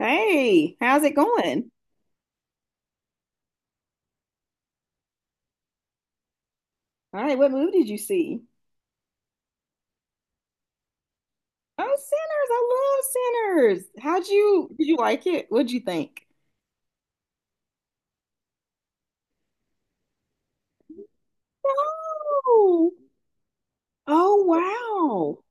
Hey, how's it going? All right, what movie did you see? Oh, Sinners. I love Sinners. How'd you did you like it? What'd you think? Oh, oh, wow.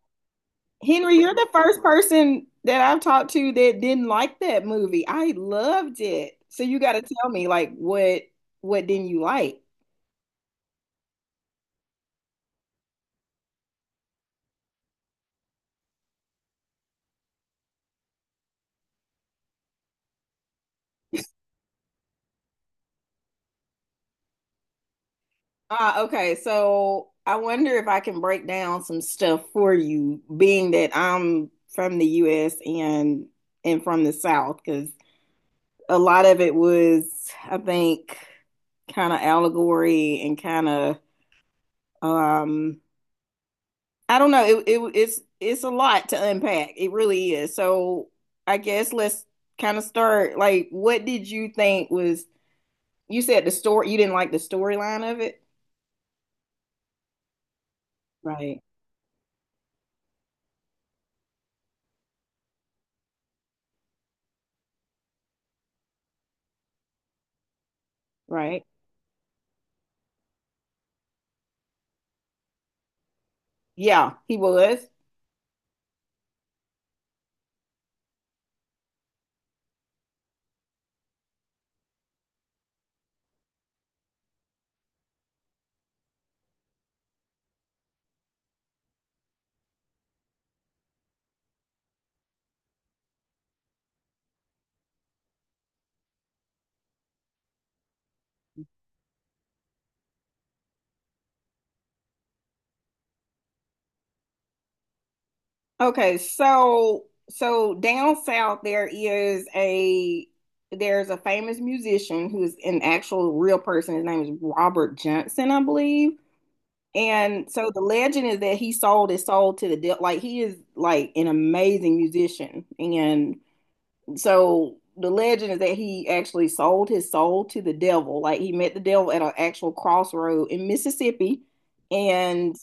Henry, you're the first person that I've talked to that didn't like that movie. I loved it. So you got to tell me, like, what didn't you like? Ah, okay. So I wonder if I can break down some stuff for you, being that I'm from the US and from the South, because a lot of it was, I think, kind of allegory and kind of um I don't know. It's a lot to unpack. It really is. So I guess let's kind of start. Like, what did you think was you said the story, you didn't like the storyline of it? Right. Right. Yeah, he was. Okay, so down south there is a there's a famous musician who's an actual real person. His name is Robert Johnson, I believe. And so the legend is that he sold his soul to the devil. Like, he is like an amazing musician, and so the legend is that he actually sold his soul to the devil. Like, he met the devil at an actual crossroad in Mississippi, and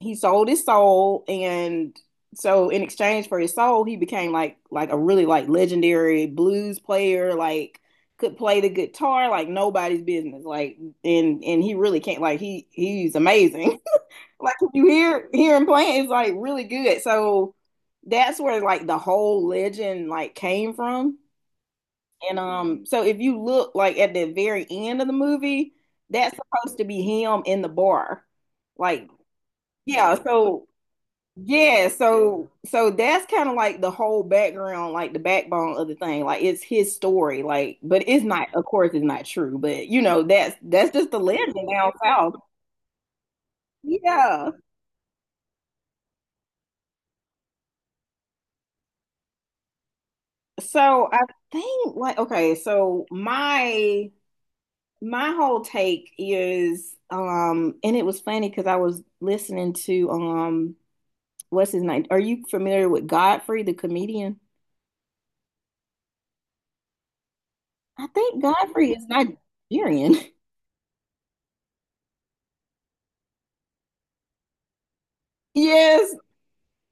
he sold his soul. And so in exchange for his soul, he became like a really, like, legendary blues player. Like, could play the guitar like nobody's business. Like, and he really can't. Like, he's amazing. Like, if you hear him playing, it's like really good. So that's where, like, the whole legend, like, came from. And so if you look, like, at the very end of the movie, that's supposed to be him in the bar. Like, yeah, so yeah, so that's kind of like the whole background, like the backbone of the thing. Like, it's his story, like, but it's not, of course, it's not true, but, you know, that's just the legend down south. Yeah. So I think, like, okay, so my whole take is and it was funny because I was listening to what's his name? Are you familiar with Godfrey, the comedian? I think Godfrey is Nigerian. Yes,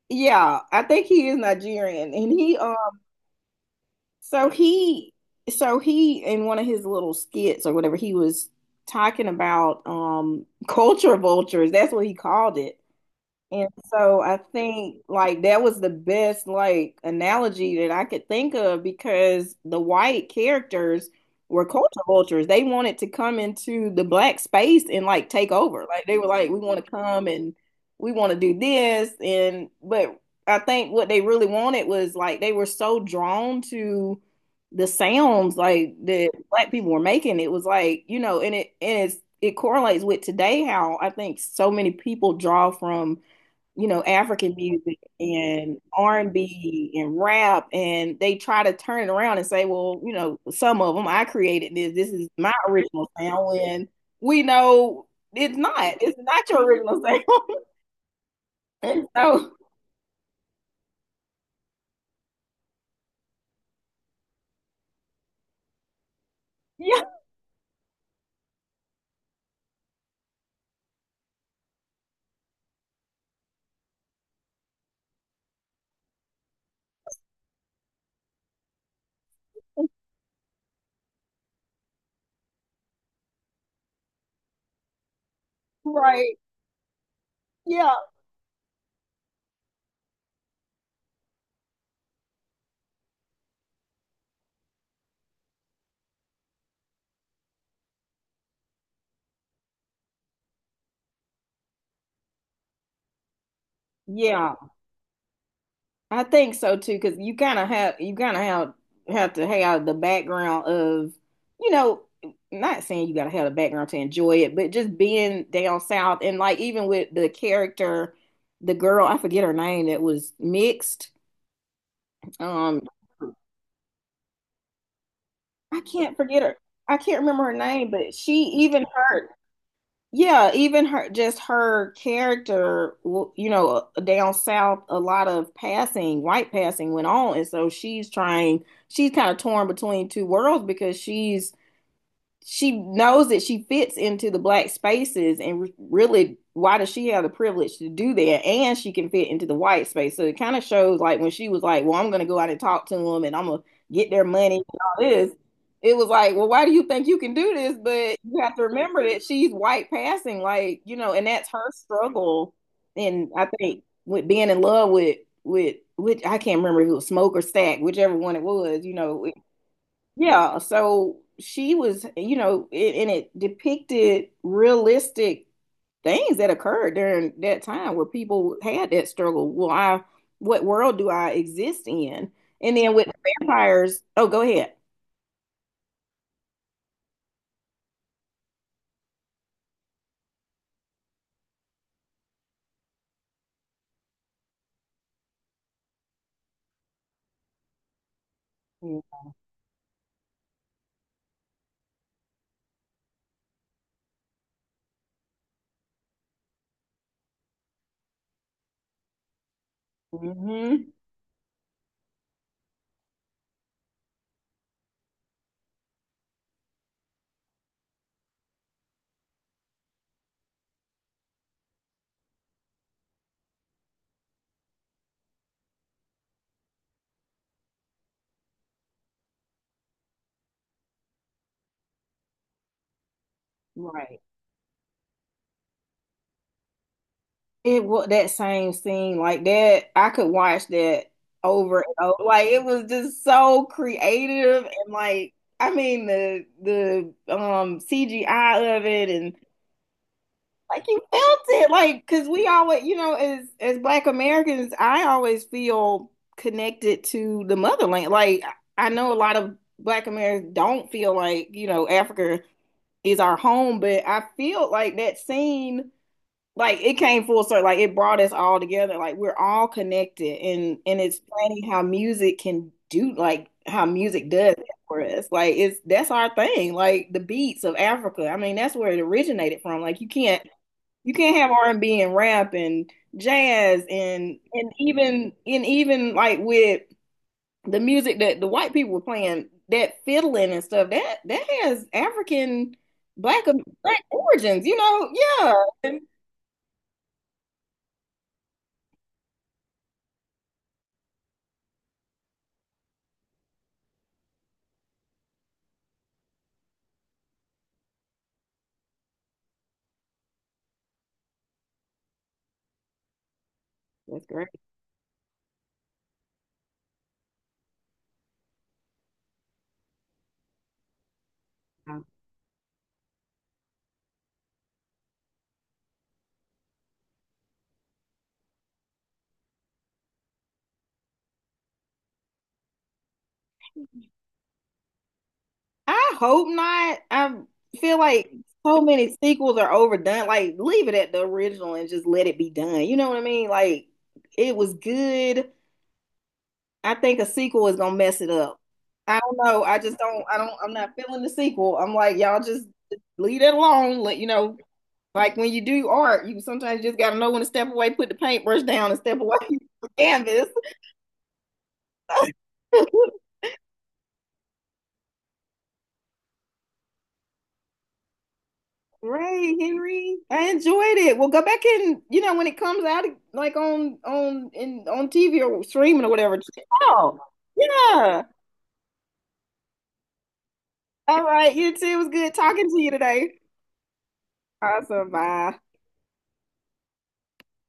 yeah, I think he is Nigerian. And he so he so he in one of his little skits or whatever, he was talking about culture vultures. That's what he called it. And so I think, like, that was the best, like, analogy that I could think of, because the white characters were culture vultures. They wanted to come into the black space and, like, take over. Like, they were like, we want to come and we want to do this. And but I think what they really wanted was, like, they were so drawn to the sounds, like, that black people were making. It was like, you know, and it and it's it correlates with today, how I think so many people draw from, you know, African music and R&B and B and rap, and they try to turn it around and say, well, you know, some of them, I created this. This is my original sound, and we know it's not. It's not your original sound. and so, yeah, right, yeah, yeah. I think so too, because you kind of have to have the background of, you know, not saying you got to have a background to enjoy it, but just being down south, and, like, even with the character, the girl, I forget her name, that was mixed. Um, I can't forget her. I can't remember her name, but she even her yeah, even her, just her character, down south, a lot of passing, white passing went on. And so she's trying, she's kind of torn between two worlds, because she knows that she fits into the black spaces, and really, why does she have the privilege to do that? And she can fit into the white space, so it kind of shows, like, when she was like, well, I'm gonna go out and talk to them, and I'm gonna get their money and all this. It was like, well, why do you think you can do this? But you have to remember that she's white passing, like, you know, and that's her struggle. And I think with being in love with which, I can't remember if it was Smoke or Stack, whichever one it was. Yeah, so she was, you know, and it depicted realistic things that occurred during that time where people had that struggle. Well, what world do I exist in? And then with the vampires, oh, go ahead. Hmm. Right. It was that same scene, like that. I could watch that over and over. Like, it was just so creative, and, like, I mean, the CGI of it. And, like, you felt it, like, because we always, you know, as black Americans, I always feel connected to the motherland. Like, I know a lot of black Americans don't feel like, Africa is our home, but I feel like that scene, like, it came full circle, like it brought us all together. Like, we're all connected. And it's funny how music can do, like how music does that for us. Like, it's that's our thing. Like the beats of Africa, I mean, that's where it originated from. Like, you can't have R&B and rap and jazz and and even like with the music that the white people were playing, that fiddling and stuff, that has African black black origins, you know? Yeah. And That's great. Yeah. I hope not. I feel like so many sequels are overdone. Like, leave it at the original and just let it be done. You know what I mean? Like, it was good. I think a sequel is gonna mess it up. I don't know. I just don't. I don't. I'm not feeling the sequel. I'm like, y'all just leave it alone. Like when you do art, you sometimes just gotta know when to step away, put the paintbrush down, and step away from the canvas. Right, Henry. I enjoyed it. Well, go back and, you know, when it comes out, like on in on TV or streaming or whatever. Oh, yeah. All right. You too. It was good talking to you today. Awesome. Bye.